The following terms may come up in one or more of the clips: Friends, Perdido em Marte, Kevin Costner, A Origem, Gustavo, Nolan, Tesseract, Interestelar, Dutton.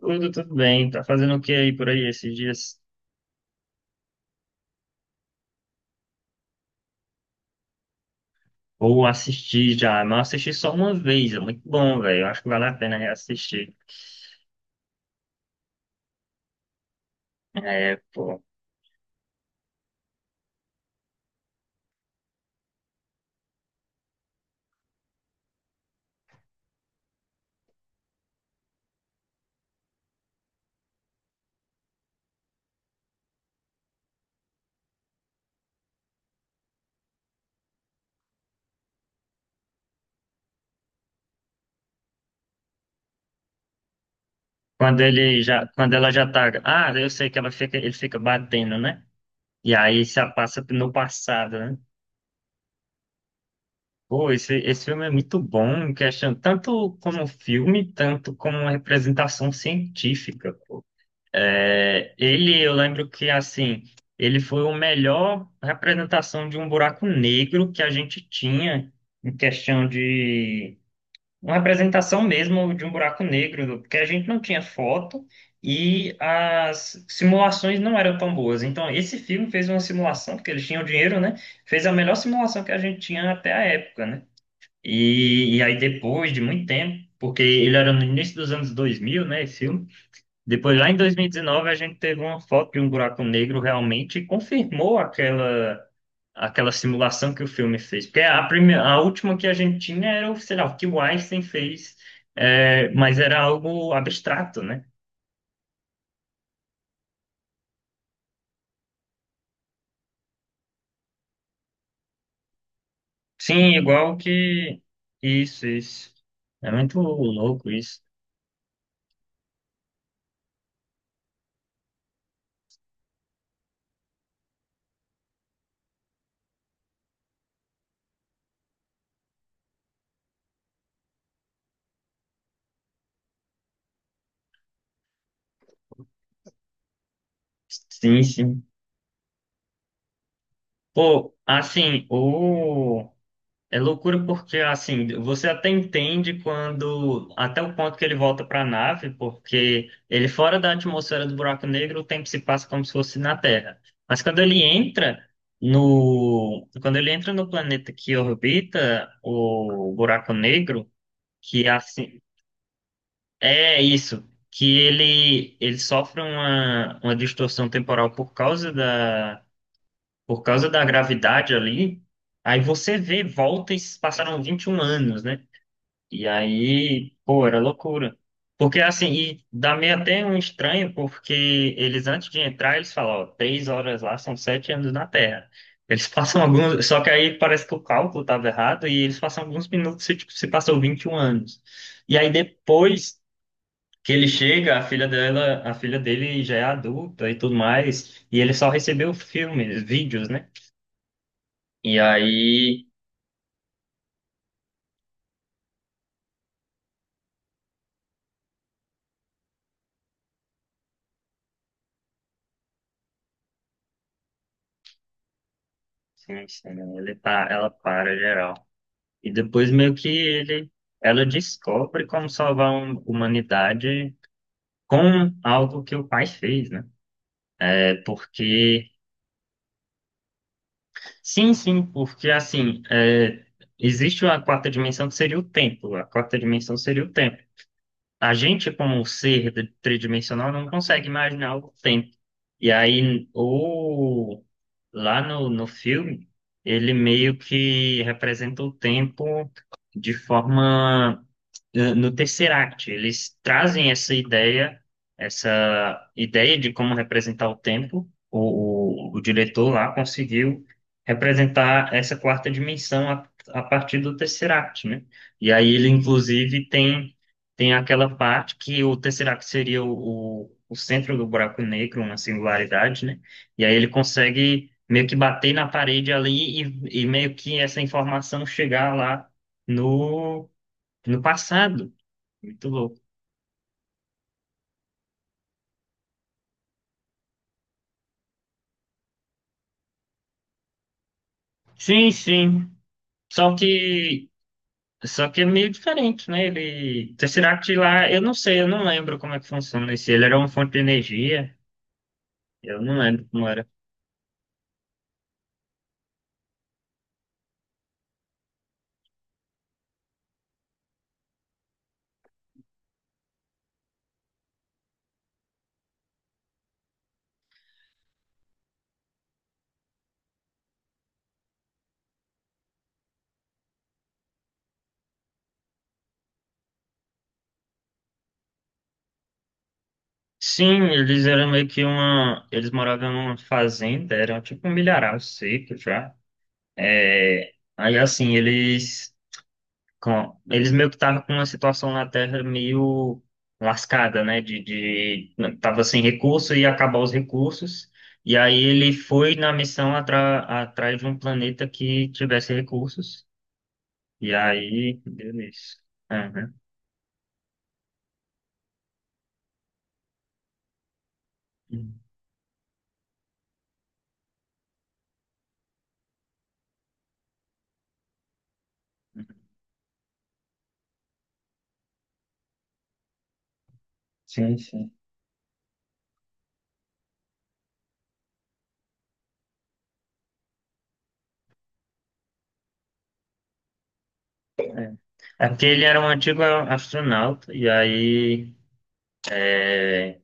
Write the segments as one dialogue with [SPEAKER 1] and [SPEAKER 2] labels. [SPEAKER 1] Tudo, bem. Tá fazendo o que aí por aí esses dias? Ou assisti já, mas eu assisti só uma vez, é muito bom, velho. Eu acho que vale a pena reassistir. É, pô. Quando ele já, quando ela já tá. Ah, eu sei que ela fica, ele fica batendo, né? E aí se passa no passado, né? Pô, esse filme é muito bom, em questão, tanto como filme, tanto como uma representação científica. É, ele, eu lembro que, assim, ele foi o melhor representação de um buraco negro que a gente tinha em questão de... Uma representação mesmo de um buraco negro, porque a gente não tinha foto e as simulações não eram tão boas. Então, esse filme fez uma simulação, porque eles tinham dinheiro, né? Fez a melhor simulação que a gente tinha até a época, né? E aí, depois de muito tempo, porque ele era no início dos anos 2000, né, esse filme, depois, lá em 2019, a gente teve uma foto de um buraco negro realmente e confirmou aquela, aquela simulação que o filme fez. Porque a, prime- a última que a gente tinha era, o, sei lá, o que o Einstein fez, é, mas era algo abstrato, né? Sim, igual que... Isso, isso. É muito louco isso. Sim, sim. Pô, assim, o... É loucura porque, assim, você até entende quando, até o ponto que ele volta para a nave, porque ele fora da atmosfera do buraco negro, o tempo se passa como se fosse na Terra. Mas quando ele entra no, quando ele entra no planeta que orbita o buraco negro, que assim, é isso, que ele sofre uma distorção temporal por causa da gravidade ali, aí você vê, volta e se passaram 21 anos, né? E aí, pô, era loucura. Porque assim, e dá meio até um estranho, porque eles antes de entrar, eles falam, ó, 3 horas lá são 7 anos na Terra. Eles passam alguns. Só que aí parece que o cálculo estava errado e eles passam alguns minutos se, tipo, se passou 21 anos. E aí depois que ele chega, a filha dela, a filha dele já é adulta e tudo mais, e ele só recebeu filmes, vídeos, né? E aí, sim, sim, ele tá, ela para geral. E depois meio que ele, ela descobre como salvar a humanidade com algo que o pai fez, né? É porque, sim, sim, porque assim, é, existe uma quarta dimensão que seria o tempo. A quarta dimensão seria o tempo. A gente, como um ser de- tridimensional, não consegue imaginar o tempo. E aí, ou lá no, no filme, ele meio que representa o tempo de forma no Tesseract. Eles trazem essa ideia de como representar o tempo. O diretor lá conseguiu representar essa quarta dimensão a partir do Tesseract, né? E aí ele, inclusive, tem, tem aquela parte que o Tesseract seria o, o centro do buraco negro, uma singularidade, né? E aí ele consegue meio que bater na parede ali e meio que essa informação chegar lá no, no passado. Muito louco. Sim, sim. Só que, só que é meio diferente, né? Ele, Tesseract lá, eu não sei, eu não lembro como é que funciona esse. Ele era uma fonte de energia, eu não lembro como era. Sim, eles eram meio que uma, eles moravam numa fazenda, eram tipo um milharal seco já. É, aí assim, eles com- eles meio que estavam com uma situação na Terra meio lascada, né? De tava sem recurso e ia acabar os recursos. E aí ele foi na missão atra- atrás de um planeta que tivesse recursos. E aí deu nisso. Aham. Sim, sim. É porque ele era um antigo astronauta, e aí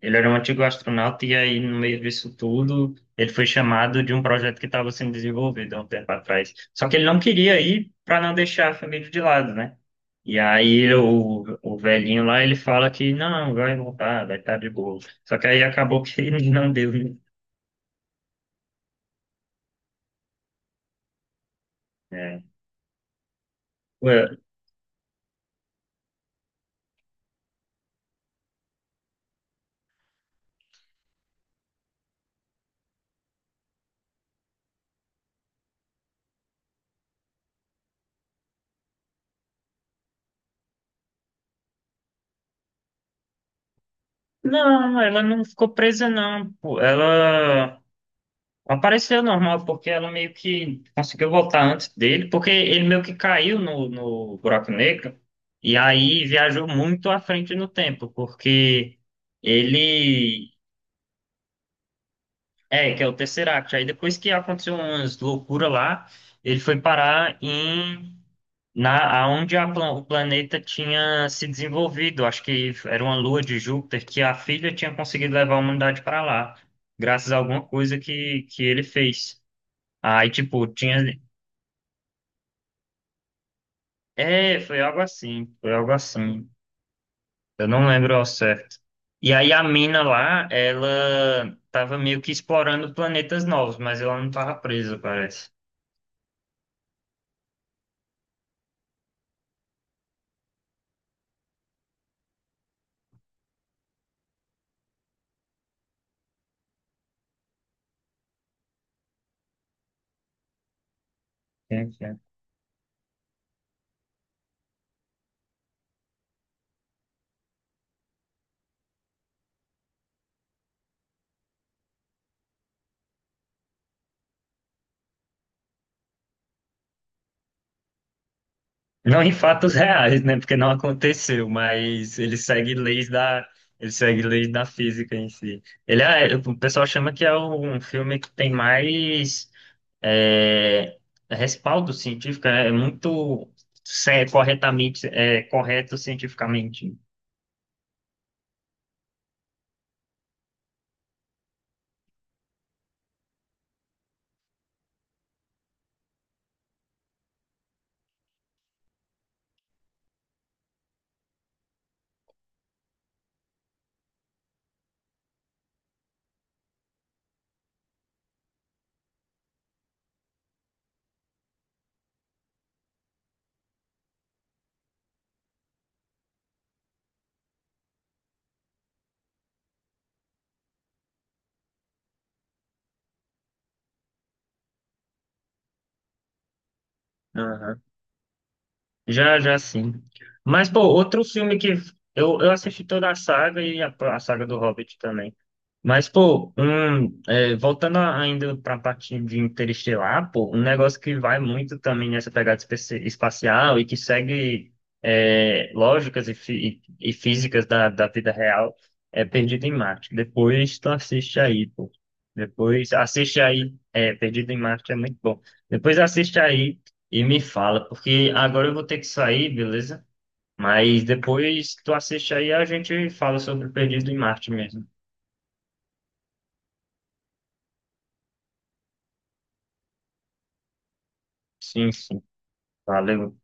[SPEAKER 1] ele era um antigo astronauta e aí, no meio disso tudo, ele foi chamado de um projeto que estava sendo desenvolvido há um tempo atrás. Só que ele não queria ir para não deixar a família de lado, né? E aí o velhinho lá, ele fala que não, vai voltar, vai estar de boa. Só que aí acabou que ele não deu, né? É. Ué, não, ela não ficou presa, não. Pô. Ela apareceu normal, porque ela meio que conseguiu voltar antes dele, porque ele meio que caiu no, no buraco negro, e aí viajou muito à frente no tempo, porque ele. É, que é o Tesseract. Aí depois que aconteceu umas loucuras lá, ele foi parar em. Na, aonde a plan- o planeta tinha se desenvolvido, acho que era uma lua de Júpiter, que a filha tinha conseguido levar a humanidade para lá, graças a alguma coisa que ele fez. Aí, tipo, tinha. É, foi algo assim, foi algo assim. Eu não lembro ao certo. E aí a mina lá, ela tava meio que explorando planetas novos, mas ela não tava presa, parece. É, é. Não em fatos reais, né? Porque não aconteceu, mas ele segue leis da, ele segue leis da física em si. Ele é, o pessoal chama que é um filme que tem mais é, respaldo científico, né? É muito é, corretamente, é, correto cientificamente. Aham. Já, já sim. Mas, pô, outro filme que eu assisti toda a saga e a saga do Hobbit também. Mas, pô, um, é, voltando a- ainda para a parte de Interestelar, pô, um negócio que vai muito também nessa pegada espe- espacial e que segue é, lógicas e, fi- e físicas da, da vida real é Perdido em Marte. Depois tu assiste aí, pô. Depois assiste aí, é, Perdido em Marte é muito bom. Depois assiste aí e me fala, porque agora eu vou ter que sair, beleza? Mas depois tu assiste aí e a gente fala sobre Perdido em Marte mesmo. Sim, sim. Valeu.